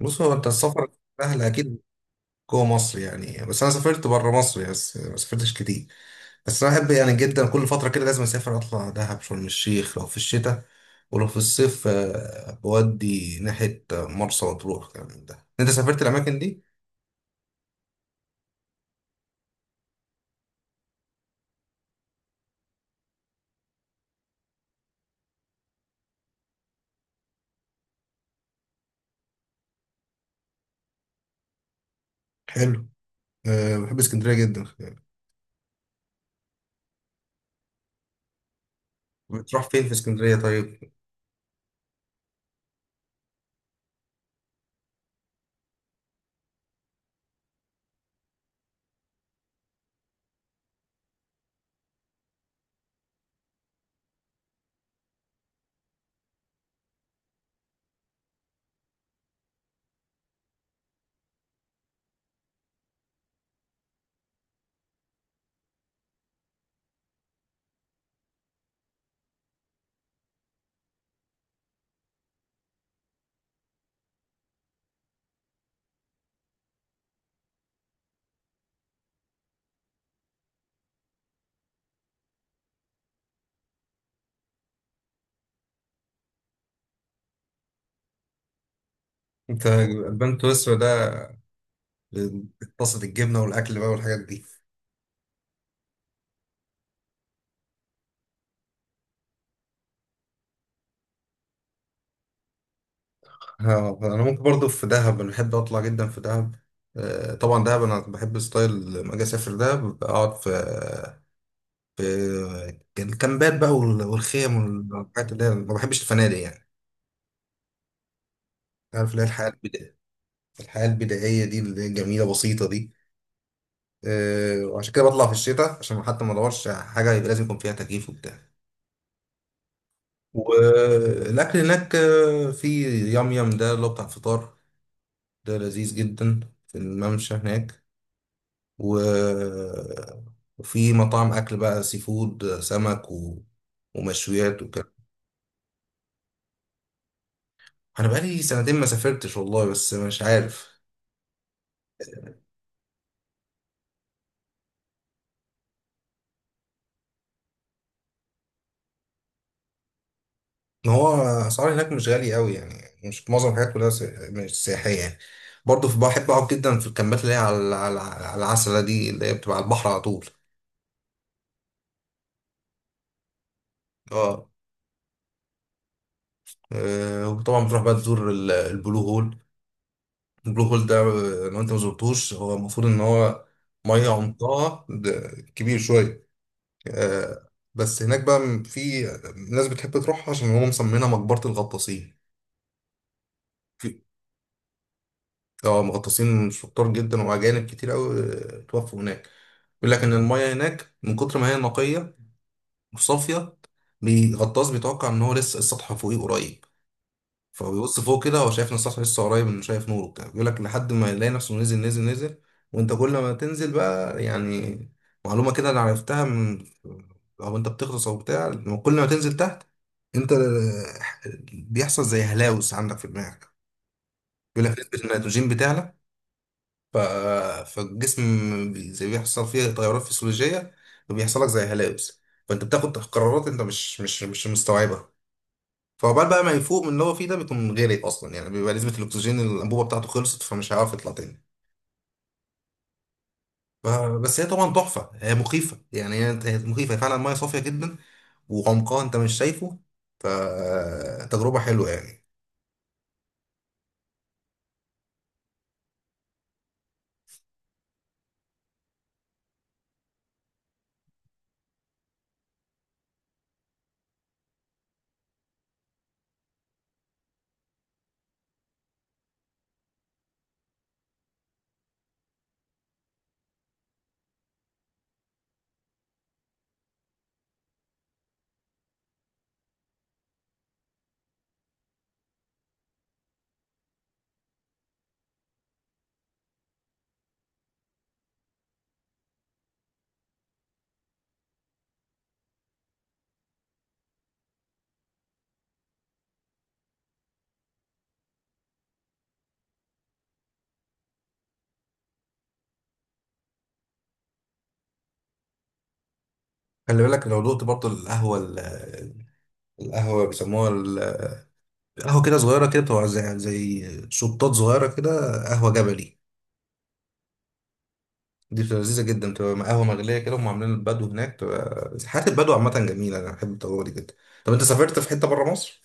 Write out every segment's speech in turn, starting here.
بص هو انت السفر سهل اكيد. جوه مصر يعني، بس انا سافرت بره مصر يعني، بس ما سافرتش كتير. بس انا بحب يعني جدا كل فتره كده لازم اسافر اطلع دهب شرم الشيخ لو في الشتاء، ولو في الصيف بودي ناحيه مرسى مطروح كلام من ده. انت سافرت الاماكن دي؟ حلو. أه بحب اسكندريه جدا. بتروح فين في اسكندريه طيب؟ انت البان سويسرا ده، بتقصد الجبنه والاكل بقى والحاجات دي؟ ها، انا ممكن برضو في دهب، انا بحب اطلع جدا في دهب. طبعا دهب انا بحب ستايل، لما اجي اسافر دهب اقعد في الكامبات بقى والخيم والحاجات، اللي هي ما بحبش الفنادق يعني. عارف اللي هي الحياه البدائيه، الحياه البدائيه دي اللي هي جميله بسيطه دي. وعشان كده بطلع في الشتاء، عشان حتى ما ادورش على حاجه يبقى لازم يكون فيها تكييف وبتاع. والاكل هناك في يام يام ده اللي هو بتاع الفطار، ده لذيذ جدا، في الممشى هناك. و... وفي مطاعم اكل بقى سي فود سمك ومشويات وكده. انا بقالي سنتين ما سافرتش والله، بس مش عارف. ما هو اسعار هناك مش غالي قوي يعني، مش معظم الحاجات كلها مش سياحيه يعني. برضه في، بحب اقعد جدا في الكامبات اللي هي على العسله دي، اللي هي بتبقى على البحر على طول. اه. وطبعا بتروح بقى تزور البلو هول. البلو هول ده لو انت ما زرتوش، هو المفروض ان هو ميه عمقها ده، كبير شويه. آه، بس هناك بقى في ناس بتحب تروحها عشان هو مسمينها مقبرة الغطاسين. في اه مغطاسين شطار جدا وأجانب كتير أوي توفوا هناك. بيقول لك إن المية هناك من كتر ما هي نقية وصافية. الغطاس بيتوقع إن هو لسه السطح فوقيه قريب. فبيبص فوق كده هو شايف ان السطح لسه قريب، انه شايف نوره كده، بيقول لك لحد ما يلاقي نفسه نزل نزل نزل. وانت كل ما تنزل بقى يعني، معلومة كده انا عرفتها من، او انت بتغطس او بتاع، لما كل ما تنزل تحت انت بيحصل زي هلاوس عندك في دماغك. بيقول لك نسبة النيتروجين بتعلى ف... فالجسم، زي بيحصل فيه تغيرات فسيولوجية وبيحصل لك زي هلاوس. فانت بتاخد قرارات انت مش مستوعبها. فعقبال بقى ما يفوق من اللي هو فيه ده، بيكون غرق اصلا يعني، بيبقى نسبه الاكسجين اللي الانبوبه بتاعته خلصت فمش هيعرف يطلع تاني. ف- بس هي طبعا تحفه، هي مخيفه يعني، هي مخيفه، هي فعلا ميه صافيه جدا وعمقها انت مش شايفه. فتجربه حلوه يعني. خلي بالك لو دقت برضه القهوه القهوه بيسموها قهوه كده صغيره كده بتبقى زي شطات صغيره كده، قهوه جبلي. دي بتبقى لذيذه جدا، بتبقى قهوه مغليه كده، هم عاملين البدو هناك، بتبقى حياه البدو عامه جميله، انا بحب التجربه دي جدا. طب انت سافرت في حته بره مصر؟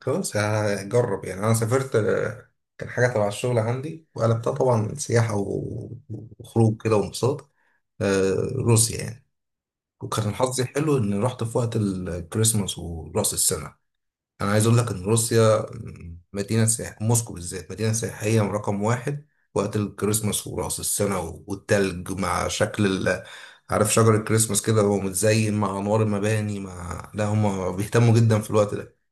خلاص هجرب يعني. انا سافرت كان حاجه تبع الشغل عندي وقلبتها طبعا سياحه وخروج كده وانبساط، روسيا يعني. وكان حظي حلو اني رحت في وقت الكريسماس وراس السنه. انا عايز اقول لك ان روسيا مدينه سياح، موسكو بالذات مدينه سياحيه رقم واحد. وقت الكريسماس وراس السنه والتلج مع شكل عارف شجر الكريسماس كده هو متزين مع انوار المباني، مع لا هم بيهتموا جدا في الوقت ده.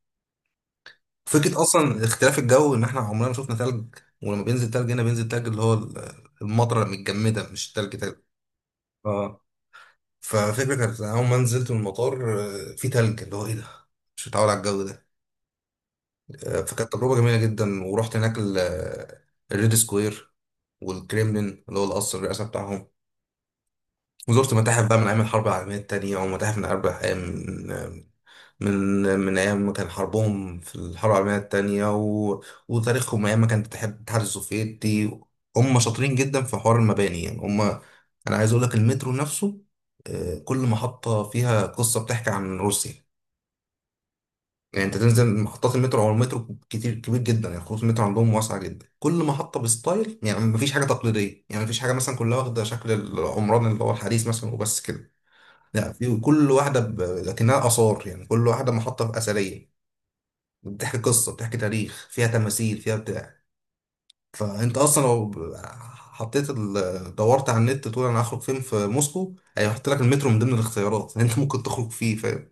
فكرة أصلا اختلاف الجو، إن إحنا عمرنا ما شفنا تلج. ولما بينزل تلج هنا، بينزل تلج اللي هو المطرة المتجمدة، مش تلج تلج. اه. ففكرة كانت أول ما نزلت من المطار في تلج، اللي هو إيه ده، مش متعود على الجو ده. فكانت تجربة جميلة جدا. ورحت هناك الريد سكوير، والكريملين اللي هو القصر الرئاسة بتاعهم. وزرت متاحف بقى من أيام الحرب العالمية التانية، ومتاحف من 4 أيام. من من ايام ما كان حربهم في الحرب العالميه الثانيه وتاريخهم ايام ما كان الاتحاد السوفيتي. هم شاطرين جدا في حوار المباني يعني. هم، انا عايز اقول لك المترو نفسه كل محطه فيها قصه بتحكي عن روسيا. يعني انت تنزل محطات المترو، او المترو كتير كبير جدا يعني، خطوط المترو عندهم واسعه جدا، كل محطه بستايل يعني، مفيش حاجه تقليديه يعني، مفيش حاجه مثلا كلها واخده شكل العمران اللي هو الحديث مثلا وبس كده. لا، في كل واحده لكنها اثار يعني، كل واحده محطه اثريه، بتحكي قصة، بتحكي تاريخ، فيها تماثيل، فيها بتاع. فانت اصلا لو حطيت ال... دورت على النت تقول انا هخرج فين في موسكو، هيحط لك المترو من ضمن الاختيارات اللي انت ممكن تخرج فيه، فاهم؟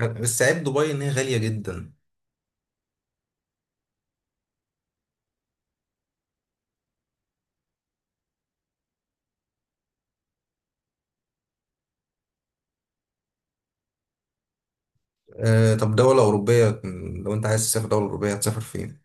بس عيب دبي ان هي غالية جدا. طب دولة أوروبية، لو انت عايز تسافر دولة أوروبية هتسافر فين؟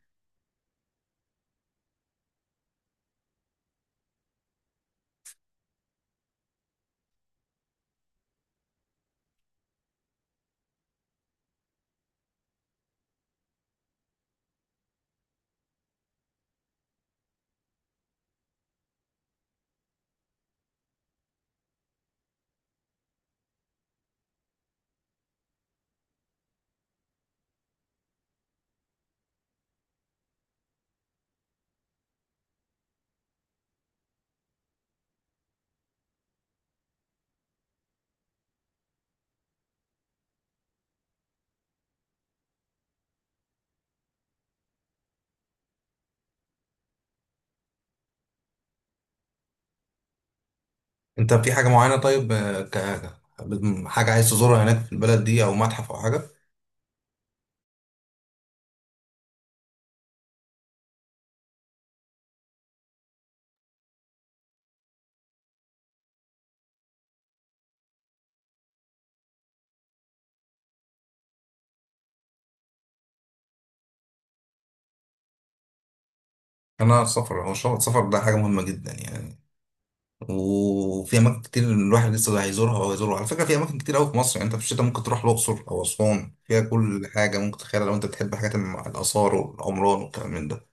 انت في حاجة معينة طيب، حاجة عايز تزورها هناك في البلد دي، او متحف او حاجة؟ انا السفر هو السفر ده حاجة مهمة جدا يعني. وفي اماكن كتير الواحد لسه هيزورها، او هيزورها على فكره. في اماكن كتير قوي في مصر يعني، انت في الشتاء ممكن تروح الاقصر او اسوان، فيها كل حاجه ممكن تتخيلها لو انت بتحب حاجات الاثار والعمران والكلام من ده.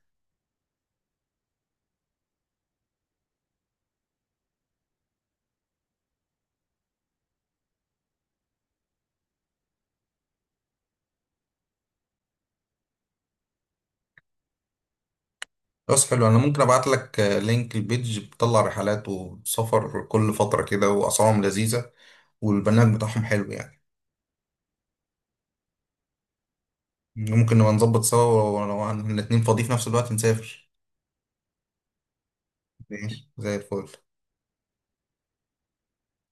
بس حلو، انا ممكن ابعت لك لينك البيج بتطلع رحلات وسفر كل فتره كده، واسعارهم لذيذه، والبرنامج بتاعهم حلو يعني. ممكن نبقى نظبط سوا، ولو احنا الاتنين فاضيين في نفس الوقت نسافر. ماشي زي الفل.